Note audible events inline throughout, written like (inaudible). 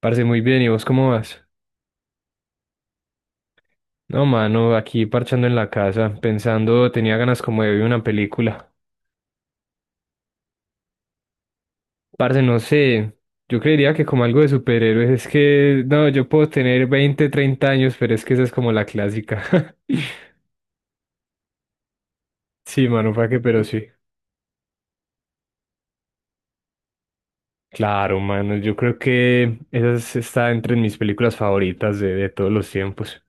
Parce, muy bien, ¿y vos cómo vas? No, mano, aquí parchando en la casa, pensando, tenía ganas como de ver una película. Parce, no sé, yo creería que como algo de superhéroes, es que, no, yo puedo tener 20 30 años, pero es que esa es como la clásica. (laughs) Sí, mano, para qué, pero sí. Claro, mano, yo creo que está entre mis películas favoritas de todos los tiempos.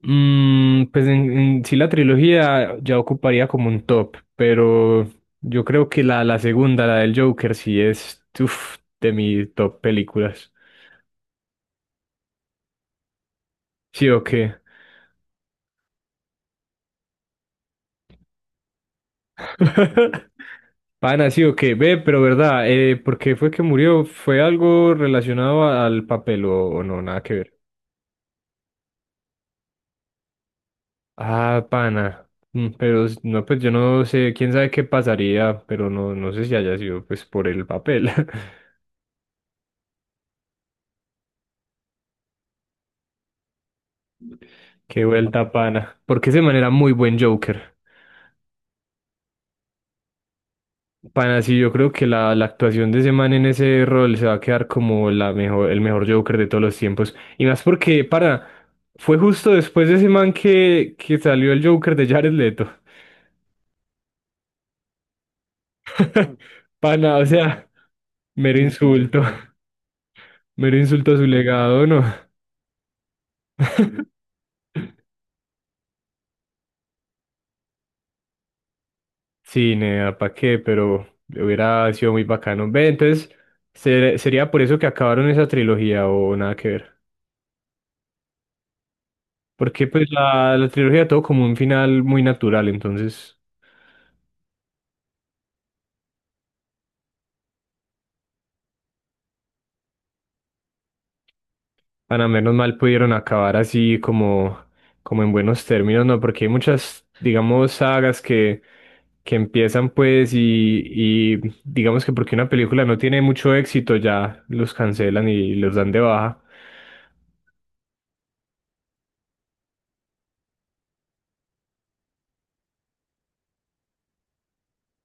Mm, pues en sí la trilogía ya ocuparía como un top, pero yo creo que la segunda, la del Joker, sí es uf, de mis top películas. ¿Sí o qué? (laughs) Pana, sí o qué, ve, pero verdad, ¿por qué fue que murió? ¿Fue algo relacionado al papel o no? Nada que ver. Ah, pana. Mm, pero no, pues yo no sé, quién sabe qué pasaría, pero no, no sé si haya sido pues por el papel. (laughs) Qué vuelta, pana. Porque ese man era muy buen Joker. Pana, sí, yo creo que la actuación de ese man en ese rol se va a quedar como la mejor, el mejor Joker de todos los tiempos. Y más porque, para, fue justo después de ese man que salió el Joker de Jared Leto. (laughs) Pana, o sea, mero insulto. Mero insulto a su legado, ¿no? (laughs) Sí, nea, ¿pa' qué? Pero hubiera sido muy bacano. Ve, entonces, ¿sería por eso que acabaron esa trilogía o nada que ver? Porque pues la trilogía tuvo como un final muy natural, entonces, para menos mal pudieron acabar así como, como en buenos términos, ¿no? Porque hay muchas, digamos, sagas que empiezan pues y digamos que porque una película no tiene mucho éxito ya los cancelan y los dan de baja. (laughs)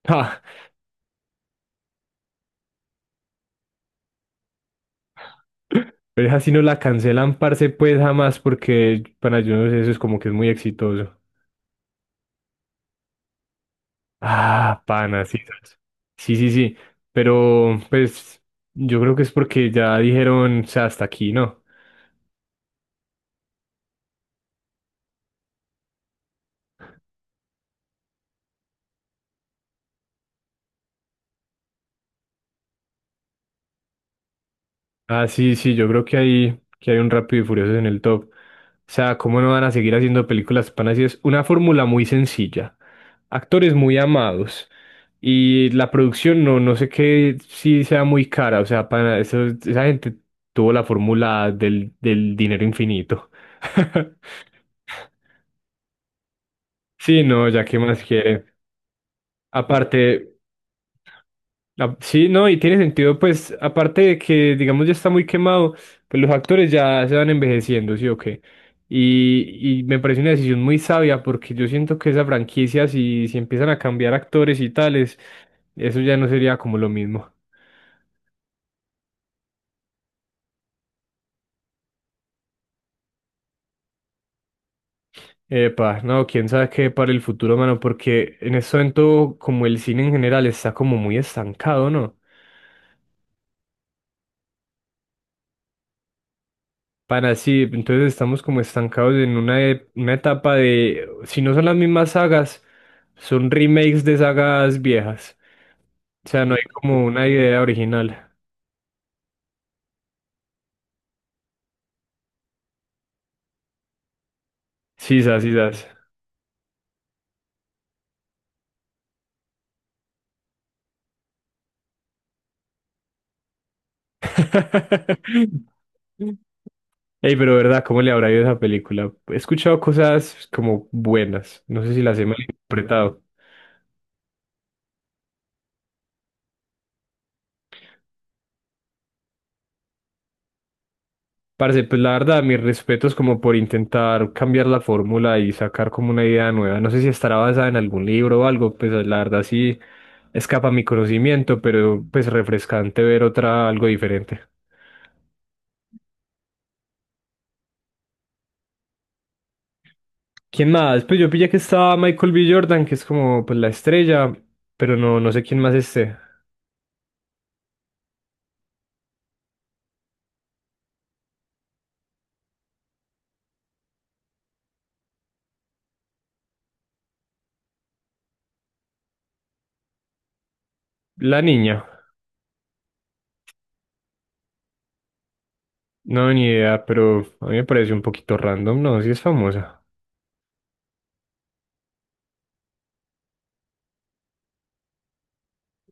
Ah, pero esa sí no la cancelan, parce, pues jamás, porque para yo no sé, eso es como que es muy exitoso. Ah, pana, sí, sabes. Sí, sí, sí. Pero, pues, yo creo que es porque ya dijeron, o sea, hasta aquí, ¿no? Ah, sí, sí, yo creo que hay un Rápido y Furioso en el top. O sea, ¿cómo no van a seguir haciendo películas panas? Y es una fórmula muy sencilla. Actores muy amados. Y la producción, no, no sé qué, si sea muy cara. O sea, pana, esa gente tuvo la fórmula del dinero infinito. (laughs) Sí, no, ya qué más quiere. Aparte. Ah, sí, no, y tiene sentido, pues, aparte de que, digamos, ya está muy quemado, pues los actores ya se van envejeciendo, ¿sí o qué? Y me parece una decisión muy sabia porque yo siento que esa franquicia, si, si empiezan a cambiar actores y tales, eso ya no sería como lo mismo. Epa, no, quién sabe qué para el futuro, mano, porque en este momento, como el cine en general está como muy estancado, ¿no? Para sí, entonces estamos como estancados en una, una etapa de, si no son las mismas sagas, son remakes de sagas viejas. O sea, no hay como una idea original. Sisas, sisas. (laughs) Ey, pero verdad, ¿cómo le habrá ido a esa película? He escuchado cosas como buenas. No sé si las he malinterpretado. Parce, pues la verdad, mis respetos como por intentar cambiar la fórmula y sacar como una idea nueva. No sé si estará basada en algún libro o algo, pues la verdad sí escapa a mi conocimiento, pero pues refrescante ver otra, algo diferente. ¿Quién más? Pues yo pillé que estaba Michael B. Jordan, que es como pues la estrella, pero no, no sé quién más esté. La niña, no, ni idea, pero a mí me parece un poquito random, no, sí es famosa.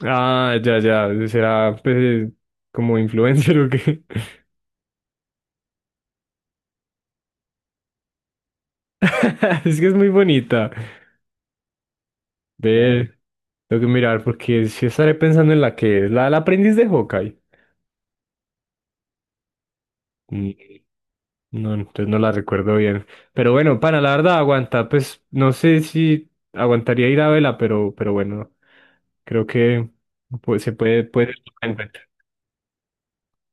Ah, ya, ya, será pues como influencer (laughs) o qué. (laughs) Es que es muy bonita. Ve, tengo que mirar porque si estaré pensando en la que es, la del aprendiz de Hawkeye. Mm, no, entonces no la recuerdo bien. Pero bueno, pana la verdad aguanta. Pues no sé si aguantaría ir a vela, pero bueno, creo que pues, se puede, puede tomar en cuenta.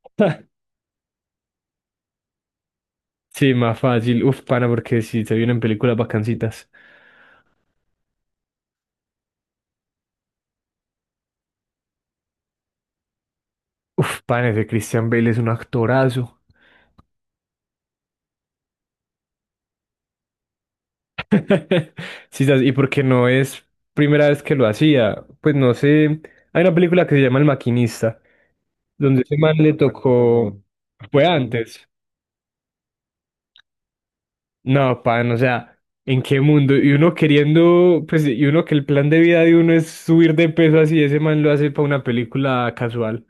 (laughs) Sí, más fácil. Uf, pana, porque si se vienen películas bacancitas. Uf, pana, ese Christian Bale es un actorazo. (laughs) Sí, ¿sabes? Y porque no es primera vez que lo hacía, pues no sé, hay una película que se llama El Maquinista, donde ese man le tocó, fue antes, no, pan, o sea, ¿en qué mundo? Y uno queriendo, pues, y uno que el plan de vida de uno es subir de peso así, ese man lo hace para una película casual.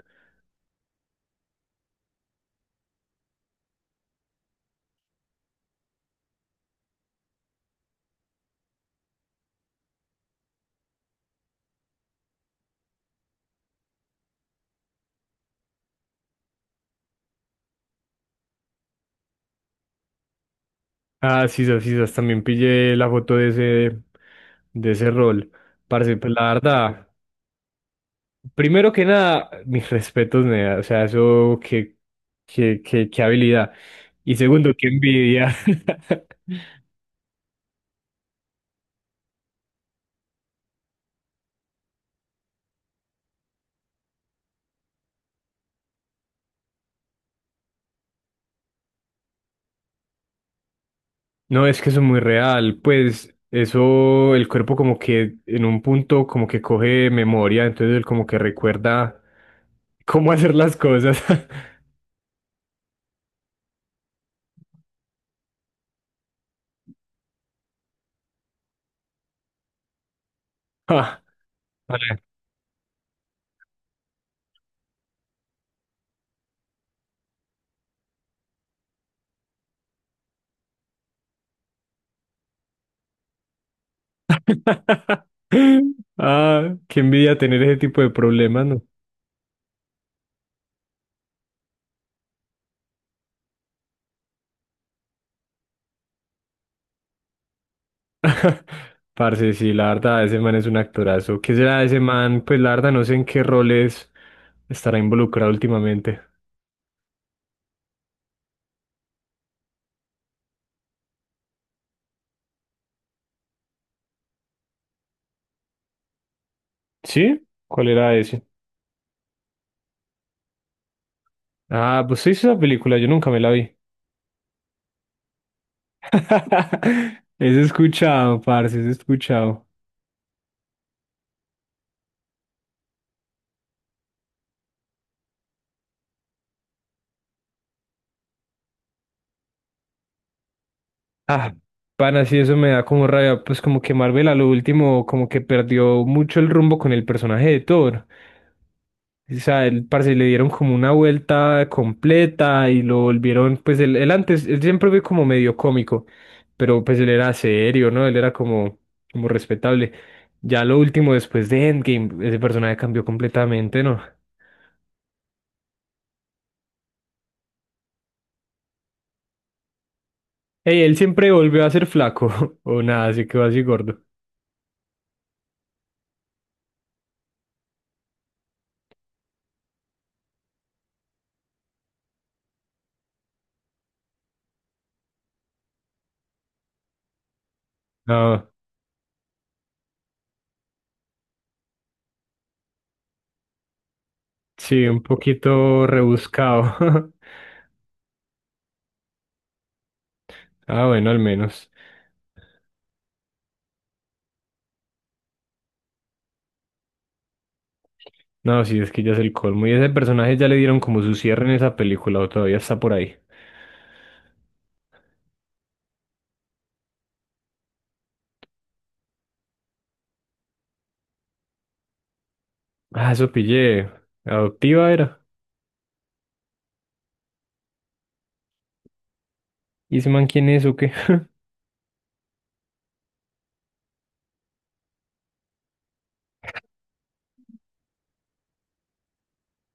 Ah, sí, sí, sí, también pillé la foto de ese rol. Parce, pues la verdad, primero que nada, mis respetos, nea, o sea, eso, qué habilidad. Y segundo, qué envidia. (laughs) No, es que eso es muy real, pues eso, el cuerpo como que en un punto como que coge memoria, entonces él como que recuerda cómo hacer las cosas. (laughs) Ah, vale. (laughs) Ah, qué envidia tener ese tipo de problemas, ¿no? (laughs) Parce, sí, la verdad, ese man es un actorazo. ¿Qué será de ese man? Pues la verdad, no sé en qué roles estará involucrado últimamente. ¿Sí? ¿Cuál era ese? Ah, pues sí, esa película, yo nunca me la vi. (laughs) Es escuchado, parce, es escuchado. Ah, pana, sí, eso me da como rabia, pues como que Marvel a lo último como que perdió mucho el rumbo con el personaje de Thor. O sea, el parce le dieron como una vuelta completa y lo volvieron, pues él antes, él siempre fue como medio cómico, pero pues él era serio, ¿no? Él era como, como respetable. Ya lo último, después de Endgame, ese personaje cambió completamente, ¿no? Ey, él siempre volvió a ser flaco, (laughs) o nada, se quedó así gordo. No. Sí, un poquito rebuscado. (laughs) Ah, bueno, al menos. No, sí, es que ya es el colmo. Y ese personaje ya le dieron como su cierre en esa película o todavía está por ahí. Ah, eso pillé. Adoptiva era. ¿Y ese man quién es o qué?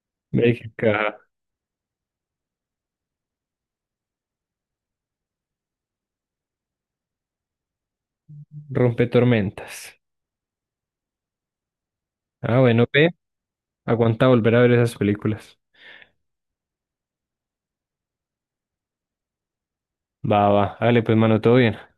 (laughs) México. Rompe tormentas. Ah, bueno, ve. Aguanta volver a ver esas películas. Va, va. Dale, pues, mano, todo bien.